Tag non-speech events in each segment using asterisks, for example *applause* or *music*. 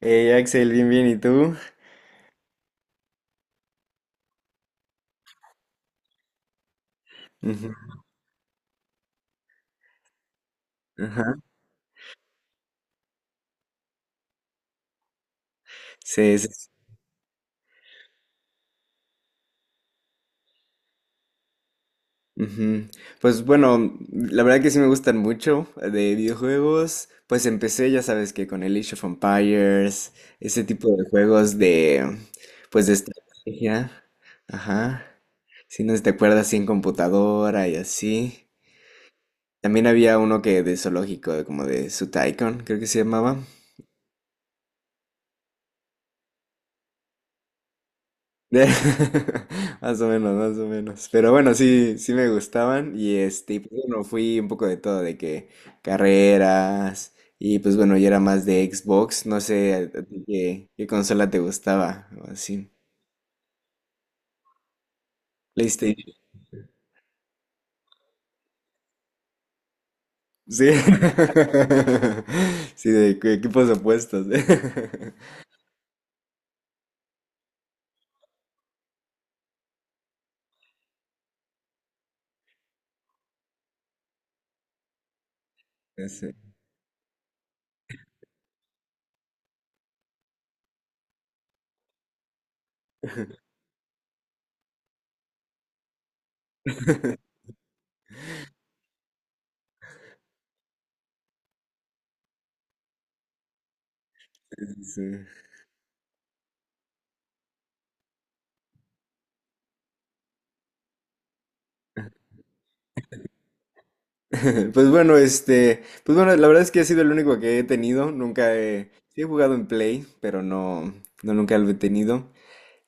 Hey Axel, bien, bien, ¿y tú? Ujú. Ajá. Sí, sí, sí. Ujú. Pues bueno, la verdad que sí me gustan mucho de videojuegos. Pues empecé, ya sabes, que con el Age of Empires, ese tipo de juegos de, pues de estrategia. Ajá. Si no sé si te acuerdas, así en computadora y así. También había uno que de zoológico, de como de Sutaikon, creo que se llamaba. *laughs* Más o menos, más o menos. Pero bueno, sí, sí me gustaban. Y este, y pues bueno, fui un poco de todo, de que carreras. Y pues bueno, yo era más de Xbox. No sé a ti qué, qué consola te gustaba o así. PlayStation. Sí. *laughs* Sí, de equipos opuestos. *laughs* No sé. *laughs* Sí, sí, sí. *laughs* Pues bueno, este, pues bueno, la verdad es que he sido el único que he tenido, nunca he, sí he jugado en Play, pero no nunca lo he tenido.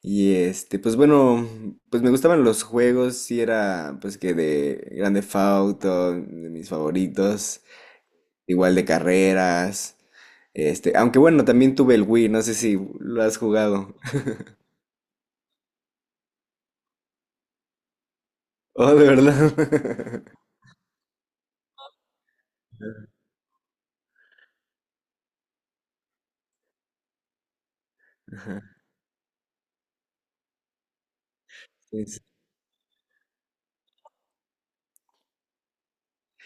Y este, pues bueno, pues me gustaban los juegos, sí era pues que de Grande Theft Auto, de mis favoritos, igual de carreras, este, aunque bueno, también tuve el Wii, no sé si lo has jugado. *laughs* Oh, ¿de verdad? *laughs* Ajá, sí, sí.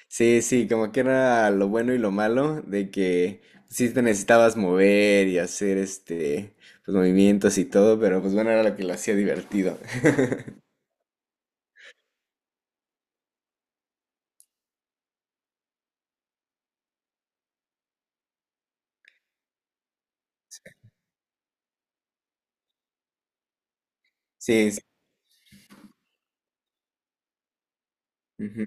Sí, sí, como que era lo bueno y lo malo de que sí te necesitabas mover y hacer este, pues movimientos y todo, pero pues bueno, era lo que lo hacía divertido. *laughs* Sí, sí. Ujú.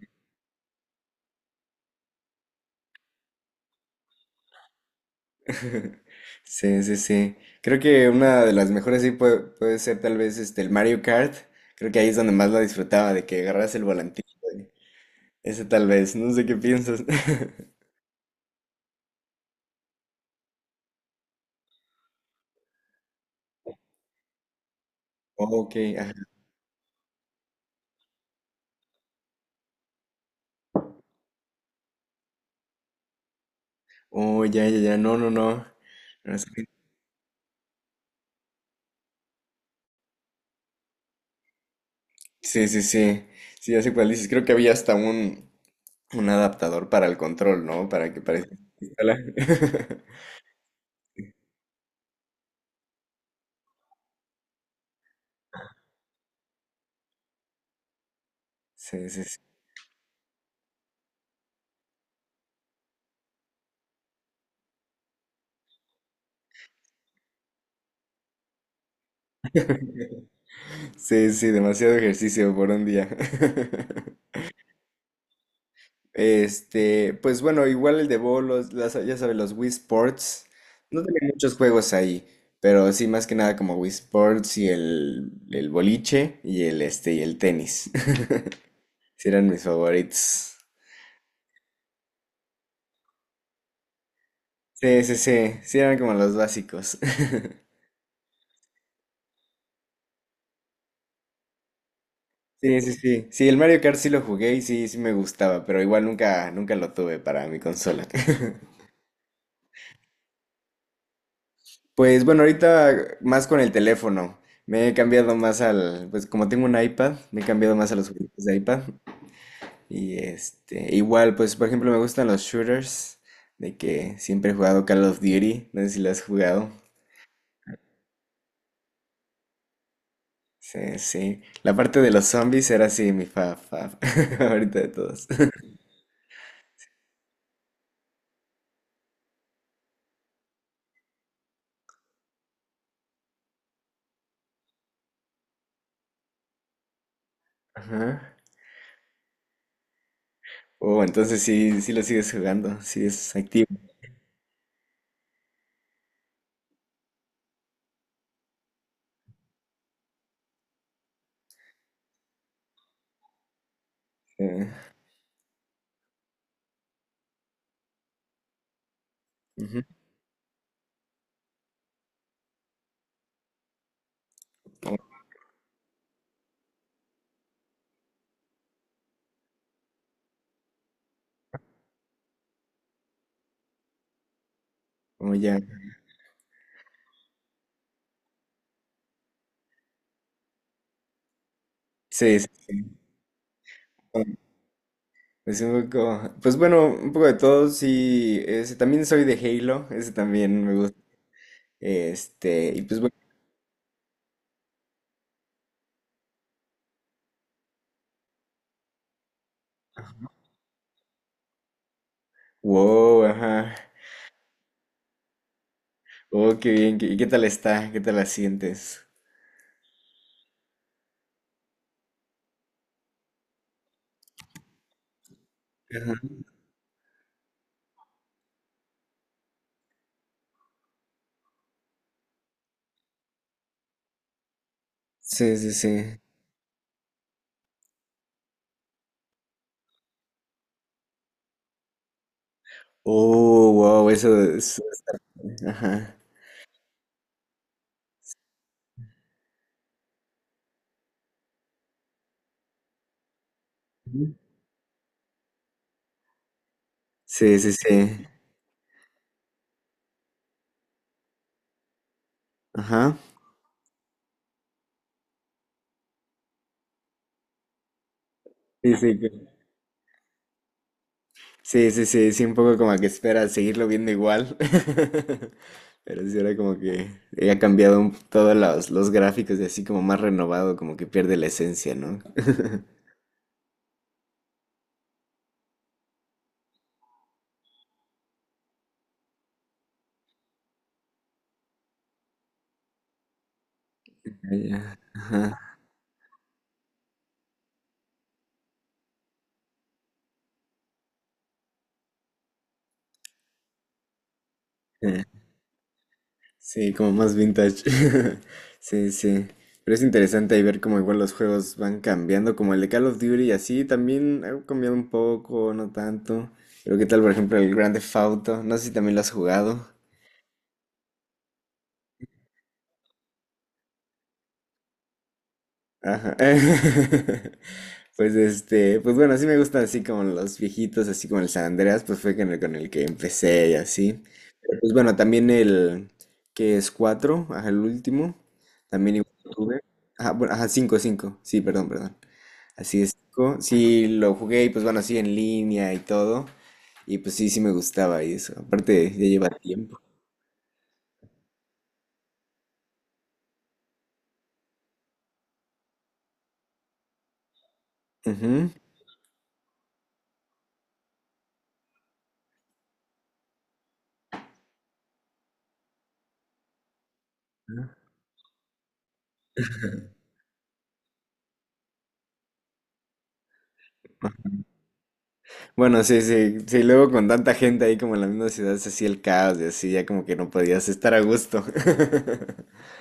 *laughs* Sí, sí, sí. Creo que una de las mejores sí puede, puede ser tal vez este, el Mario Kart. Creo que ahí es donde más lo disfrutaba, de que agarras el volantito. y- Ese tal vez, no sé qué piensas. *laughs* Ok, ajá. Oh, ya, ya, ya, no, no, no. Sí, sí, sí. Sí, ya sé cuál dices. Creo que había hasta un adaptador para el control, ¿no? Para que parezca pistola. *laughs* Sí, sí, sí. Sí, sí, demasiado ejercicio por un día. *laughs* Este, pues bueno, igual el de bolos, las, ya sabes, los Wii Sports. No tenía muchos juegos ahí, pero sí, más que nada como Wii Sports y el boliche y el este y el tenis. *laughs* Sí eran mis favoritos. Sí, sí, sí. Sí eran como los básicos. *laughs* Sí, sí, sí. Sí, el Mario Kart sí lo jugué y sí, sí me gustaba, pero igual nunca, nunca lo tuve para mi consola. *laughs* Pues bueno, ahorita más con el teléfono. Me he cambiado más al, pues como tengo un iPad, me he cambiado más a los juegos de iPad. Y este, igual, pues por ejemplo me gustan los shooters, de que siempre he jugado Call of Duty, no sé si lo has jugado. Sí, sí. La parte de los zombies era así mi *laughs* favorita de todos. Ajá. Oh, entonces sí, sí lo sigues jugando, sí es activo. Eh, ujú. Como, como ya. Sí, sí, sí. Um, pues un poco, pues bueno, un poco de todo, sí, ese, también soy de Halo, ese también me gusta, este, y pues bueno, wow, ajá, oh, qué bien, qué- ¿y qué tal está? ¿Qué tal la sientes? Ajá. Sí, sí, sí, oh, wow, eso es, ajá, sí, sí, sí, ajá, sí, sí, sí, sí, sí, sí, un poco como que espera seguirlo viendo igual. *laughs* Pero sí, era como que ha cambiado todos los gráficos y así como más renovado, como que pierde la esencia, ¿no? *laughs* Ah, ya, ajá, eh, sí, como más vintage. *laughs* Sí, sí. Pero es interesante ahí ver cómo igual los juegos van cambiando, como el de Call of Duty y así también ha cambiado un poco, no tanto. Pero qué tal, por ejemplo, el Grand Theft Auto, no sé si también lo has jugado. Ajá. *laughs* Pues este, pues bueno, sí me gustan así como los viejitos, así como el San Andreas, pues fue con el que empecé y así. Pues bueno, también el que es 4 ajá, el último, también igual lo tuve. Ajá, bueno, ajá, cinco, 5 sí, perdón, perdón. Así es, 5, sí lo jugué y pues bueno, así en línea y todo. Y pues sí, sí me gustaba y eso. Aparte, ya lleva tiempo. Ujú. *laughs* Bueno, sí, sí, sí, luego con tanta gente ahí como en la misma ciudad se hacía el caos y así, ya como que no podías estar a gusto. *laughs*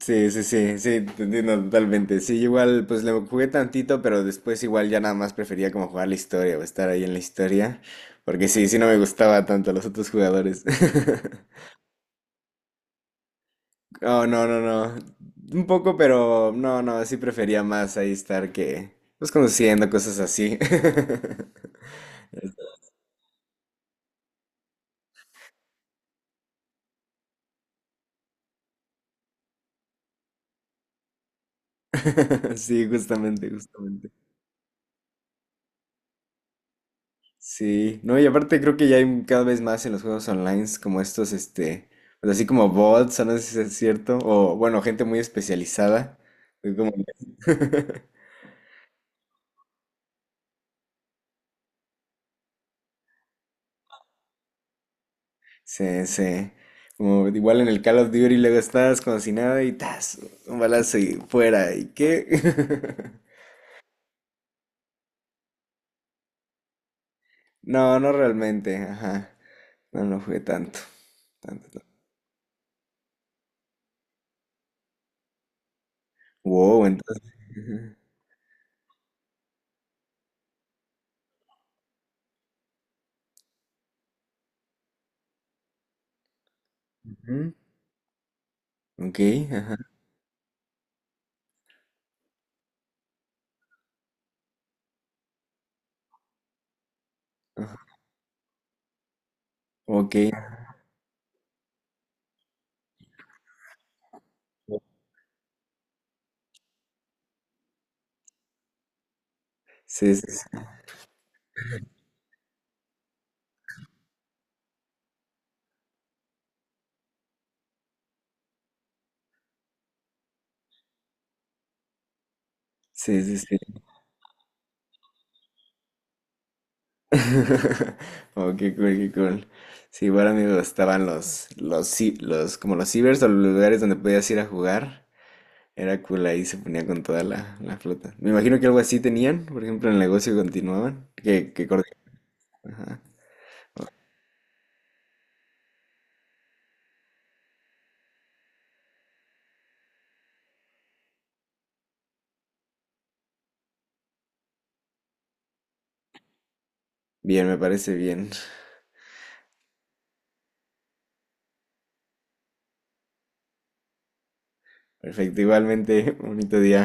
Sí, sí, sí, sí, te entiendo totalmente. Sí, igual pues le jugué tantito, pero después igual ya nada más prefería como jugar la historia o estar ahí en la historia, porque sí, sí no me gustaba tanto los otros jugadores. *laughs* Oh, no, no, no. Un poco, pero no, no, sí prefería más ahí estar que pues conociendo cosas así. *laughs* Sí, justamente, justamente. Sí, no, y aparte creo que ya hay cada vez más en los juegos online como estos, este, pues así como bots, no sé si es cierto, o bueno, gente muy especializada. que como- *laughs* Sí, sí. Como igual en el Call of Duty luego estás como si nada y tas, un balazo y fuera, ¿y qué? *laughs* No, no realmente, ajá. No, no jugué tanto. Wow, entonces. Ajá, ujú, ok, ajá, ajá, ok. Sí, sí, sí, sí, sí, sí. *laughs* Oh, qué cool, qué cool. Sí, igual a mí me gustaban los, los, como los cibers o los lugares donde podías ir a jugar. Era cool, ahí se ponía con toda la, la flota. Me imagino que algo así tenían, por ejemplo, en el negocio continuaban. Que coordinaban. Ajá. Bien, me parece bien. Perfecto, igualmente, bonito día.